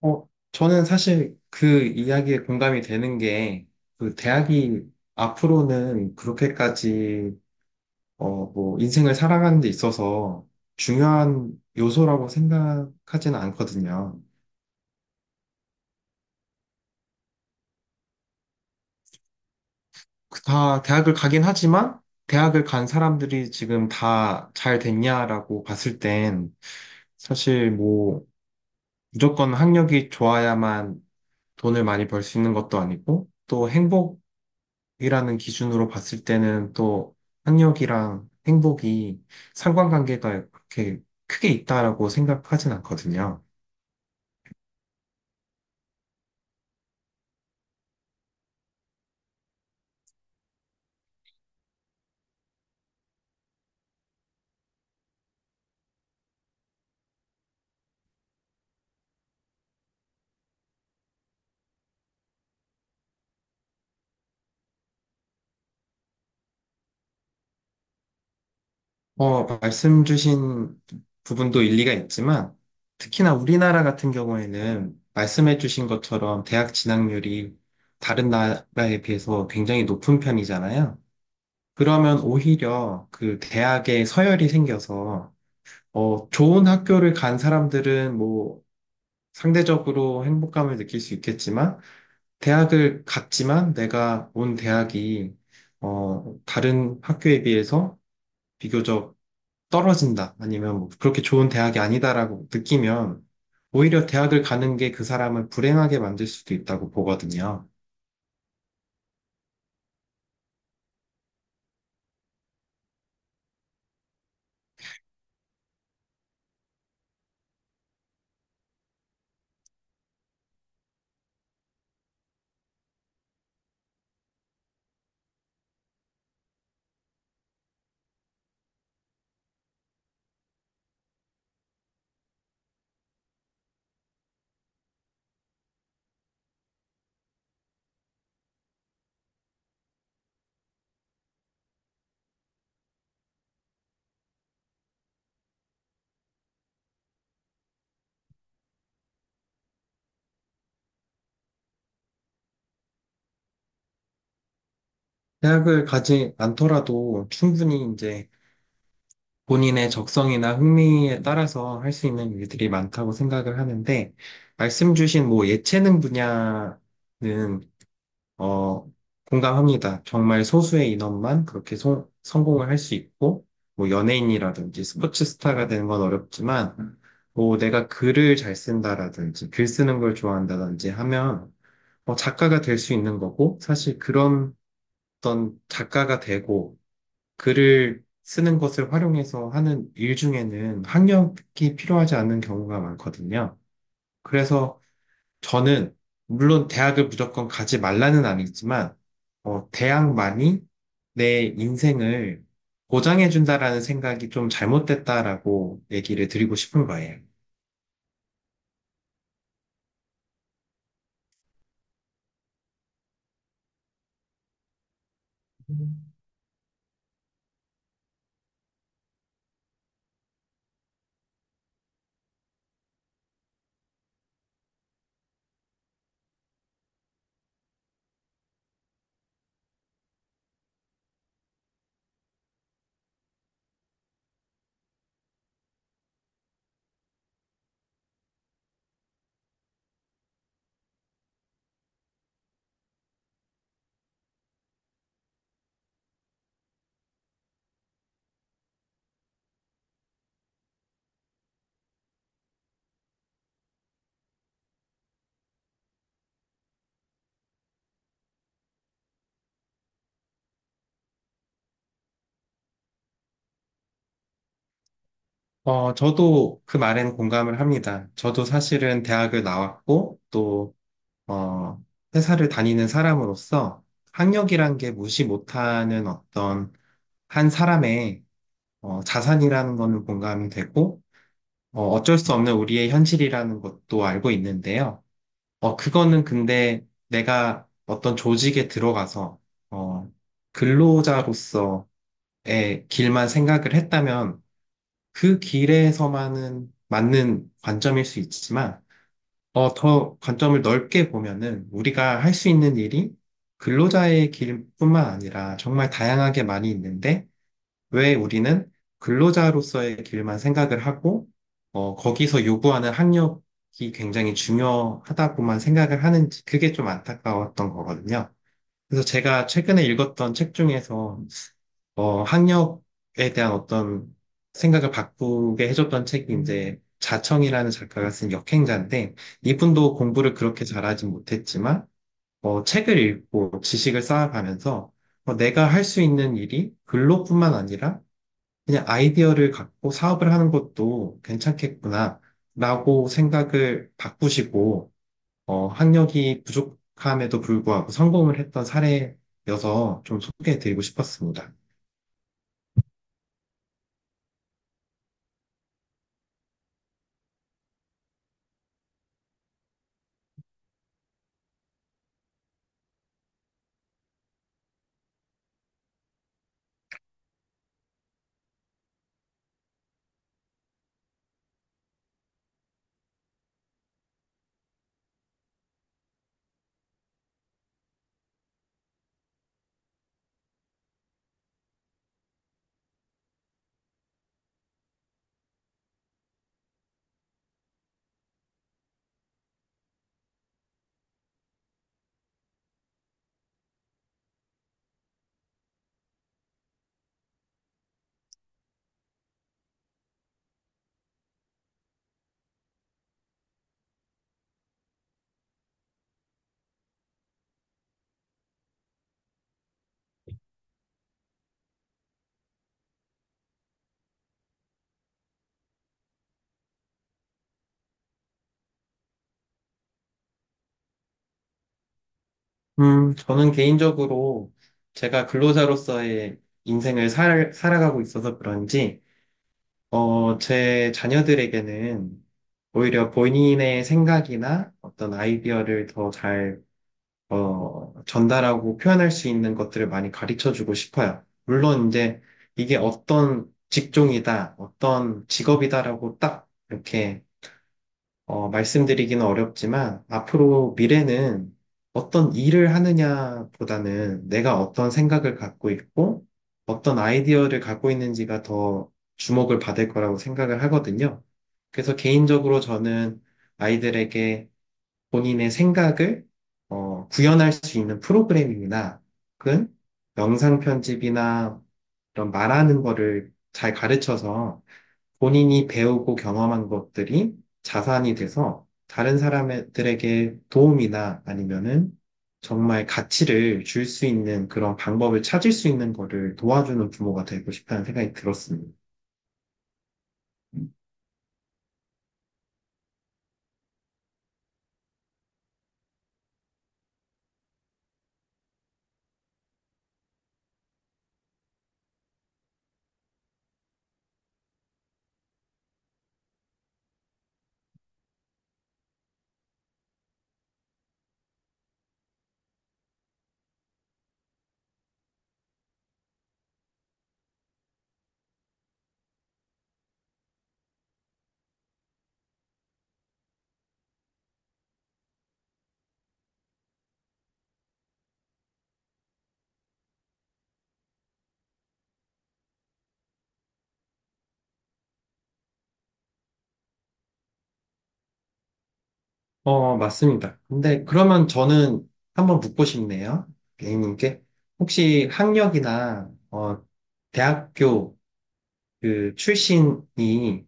어, 저는 사실 그 이야기에 공감이 되는 게, 그 대학이 앞으로는 그렇게까지, 뭐, 인생을 살아가는 데 있어서 중요한 요소라고 생각하지는 않거든요. 그다 대학을 가긴 하지만, 대학을 간 사람들이 지금 다 잘 됐냐라고 봤을 땐, 사실 뭐, 무조건 학력이 좋아야만 돈을 많이 벌 수 있는 것도 아니고, 또 행복, 이라는 기준으로 봤을 때는 또 학력이랑 행복이 상관관계가 그렇게 크게 있다라고 생각하진 않거든요. 말씀 주신 부분도 일리가 있지만 특히나 우리나라 같은 경우에는 말씀해 주신 것처럼 대학 진학률이 다른 나라에 비해서 굉장히 높은 편이잖아요. 그러면 오히려 그 대학에 서열이 생겨서 좋은 학교를 간 사람들은 뭐 상대적으로 행복감을 느낄 수 있겠지만, 대학을 갔지만 내가 온 대학이, 다른 학교에 비해서 비교적 떨어진다. 아니면 뭐 그렇게 좋은 대학이 아니다라고 느끼면, 오히려 대학을 가는 게 그 사람을 불행하게 만들 수도 있다고 보거든요. 대학을 가지 않더라도 충분히 이제 본인의 적성이나 흥미에 따라서 할 수 있는 일들이 많다고 생각을 하는데, 말씀 주신 뭐 예체능 분야는 어, 공감합니다. 정말 소수의 인원만 그렇게 성공을 할 수 있고, 뭐 연예인이라든지 스포츠 스타가 되는 건 어렵지만, 뭐 내가 글을 잘 쓴다라든지 글 쓰는 걸 좋아한다든지 하면 작가가 될 수 있는 거고, 사실 그런 어떤 작가가 되고 글을 쓰는 것을 활용해서 하는 일 중에는 학력이 필요하지 않은 경우가 많거든요. 그래서 저는 물론 대학을 무조건 가지 말라는 아니지만 대학만이 내 인생을 보장해 준다라는 생각이 좀 잘못됐다라고 얘기를 드리고 싶은 거예요. 저도 그 말에는 공감을 합니다. 저도 사실은 대학을 나왔고 또 어, 회사를 다니는 사람으로서 학력이란 게 무시 못하는 어떤 한 사람의 자산이라는 거는 공감이 되고 어쩔 수 없는 우리의 현실이라는 것도 알고 있는데요. 그거는 근데 내가 어떤 조직에 들어가서, 어, 근로자로서의 길만 생각을 했다면 그 길에서만은 맞는 관점일 수 있지만, 더 관점을 넓게 보면은 우리가 할 수 있는 일이 근로자의 길뿐만 아니라 정말 다양하게 많이 있는데, 왜 우리는 근로자로서의 길만 생각을 하고, 거기서 요구하는 학력이 굉장히 중요하다고만 생각을 하는지 그게 좀 안타까웠던 거거든요. 그래서 제가 최근에 읽었던 책 중에서, 학력에 대한 어떤 생각을 바꾸게 해줬던 책이 이제 자청이라는 작가가 쓴 역행자인데, 이분도 공부를 그렇게 잘하진 못했지만, 책을 읽고 지식을 쌓아가면서, 내가 할 수 있는 일이 근로뿐만 아니라 그냥 아이디어를 갖고 사업을 하는 것도 괜찮겠구나, 라고 생각을 바꾸시고, 학력이 부족함에도 불구하고 성공을 했던 사례여서 좀 소개해드리고 싶었습니다. 저는 개인적으로 제가 근로자로서의 인생을 살아가고 있어서 그런지, 제 자녀들에게는 오히려 본인의 생각이나 어떤 아이디어를 더잘 전달하고 표현할 수 있는 것들을 많이 가르쳐 주고 싶어요. 물론 이제 이게 어떤 직종이다, 어떤 직업이다라고 딱 이렇게 말씀드리기는 어렵지만 앞으로 미래는 어떤 일을 하느냐보다는 내가 어떤 생각을 갖고 있고 어떤 아이디어를 갖고 있는지가 더 주목을 받을 거라고 생각을 하거든요. 그래서 개인적으로 저는 아이들에게 본인의 생각을 구현할 수 있는 프로그램이나 혹은 영상 편집이나 이런 말하는 거를 잘 가르쳐서 본인이 배우고 경험한 것들이 자산이 돼서 다른 사람들에게 도움이나 아니면은 정말 가치를 줄 수 있는 그런 방법을 찾을 수 있는 거를 도와주는 부모가 되고 싶다는 생각이 들었습니다. 맞습니다. 근데 그러면 저는 한번 묻고 싶네요. A님께. 혹시 학력이나, 대학교 그 출신이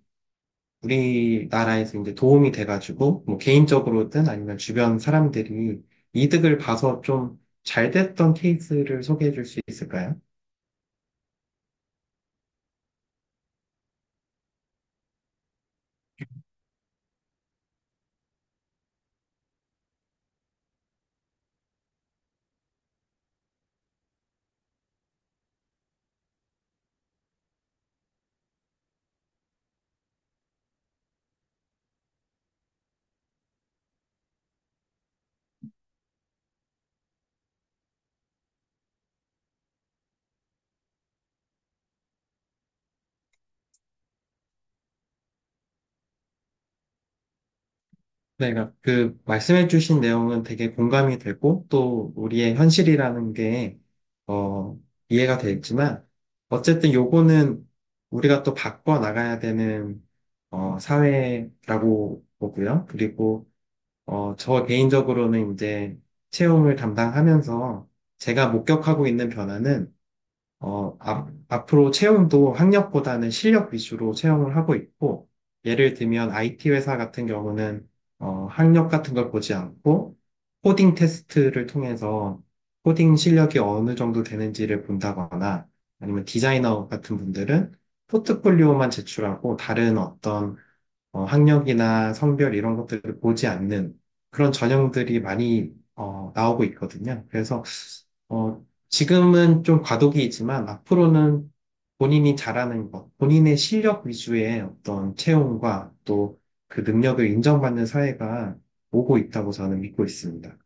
우리나라에서 이제 도움이 돼가지고, 뭐 개인적으로든 아니면 주변 사람들이 이득을 봐서 좀 잘 됐던 케이스를 소개해 줄 수 있을까요? 네, 그러니까 그 말씀해주신 내용은 되게 공감이 되고 또 우리의 현실이라는 게 어, 이해가 되지만 어쨌든 요거는 우리가 또 바꿔 나가야 되는 사회라고 보고요. 그리고 저 개인적으로는 이제 채용을 담당하면서 제가 목격하고 있는 변화는 앞으로 채용도 학력보다는 실력 위주로 채용을 하고 있고, 예를 들면 IT 회사 같은 경우는 학력 같은 걸 보지 않고, 코딩 테스트를 통해서 코딩 실력이 어느 정도 되는지를 본다거나, 아니면 디자이너 같은 분들은 포트폴리오만 제출하고 다른 어떤 학력이나 성별 이런 것들을 보지 않는 그런 전형들이 많이 나오고 있거든요. 그래서 어, 지금은 좀 과도기이지만 앞으로는 본인이 잘하는 것, 본인의 실력 위주의 어떤 채용과 또 그 능력을 인정받는 사회가 오고 있다고 저는 믿고 있습니다.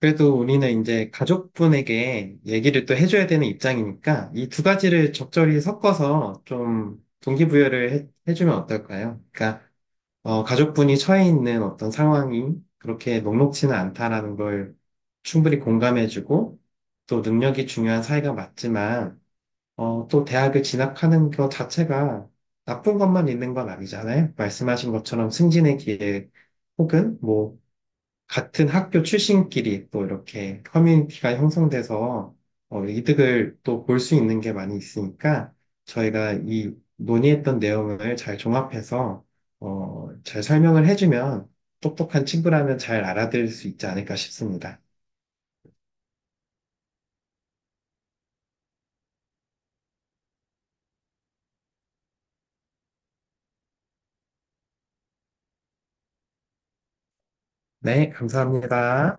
그래도 우리는 이제 가족분에게 얘기를 또 해줘야 되는 입장이니까 이 두 가지를 적절히 섞어서 좀 동기부여를 해주면 어떨까요? 그러니까 가족분이 처해 있는 어떤 상황이 그렇게 녹록지는 않다라는 걸 충분히 공감해주고 또 능력이 중요한 사이가 맞지만 또 대학을 진학하는 것 자체가 나쁜 것만 있는 건 아니잖아요. 말씀하신 것처럼 승진의 기회 혹은 뭐 같은 학교 출신끼리 또 이렇게 커뮤니티가 형성돼서 이득을 또 볼 수 있는 게 많이 있으니까 저희가 이 논의했던 내용을 잘 종합해서 잘 설명을 해주면 똑똑한 친구라면 잘 알아들을 수 있지 않을까 싶습니다. 네, 감사합니다.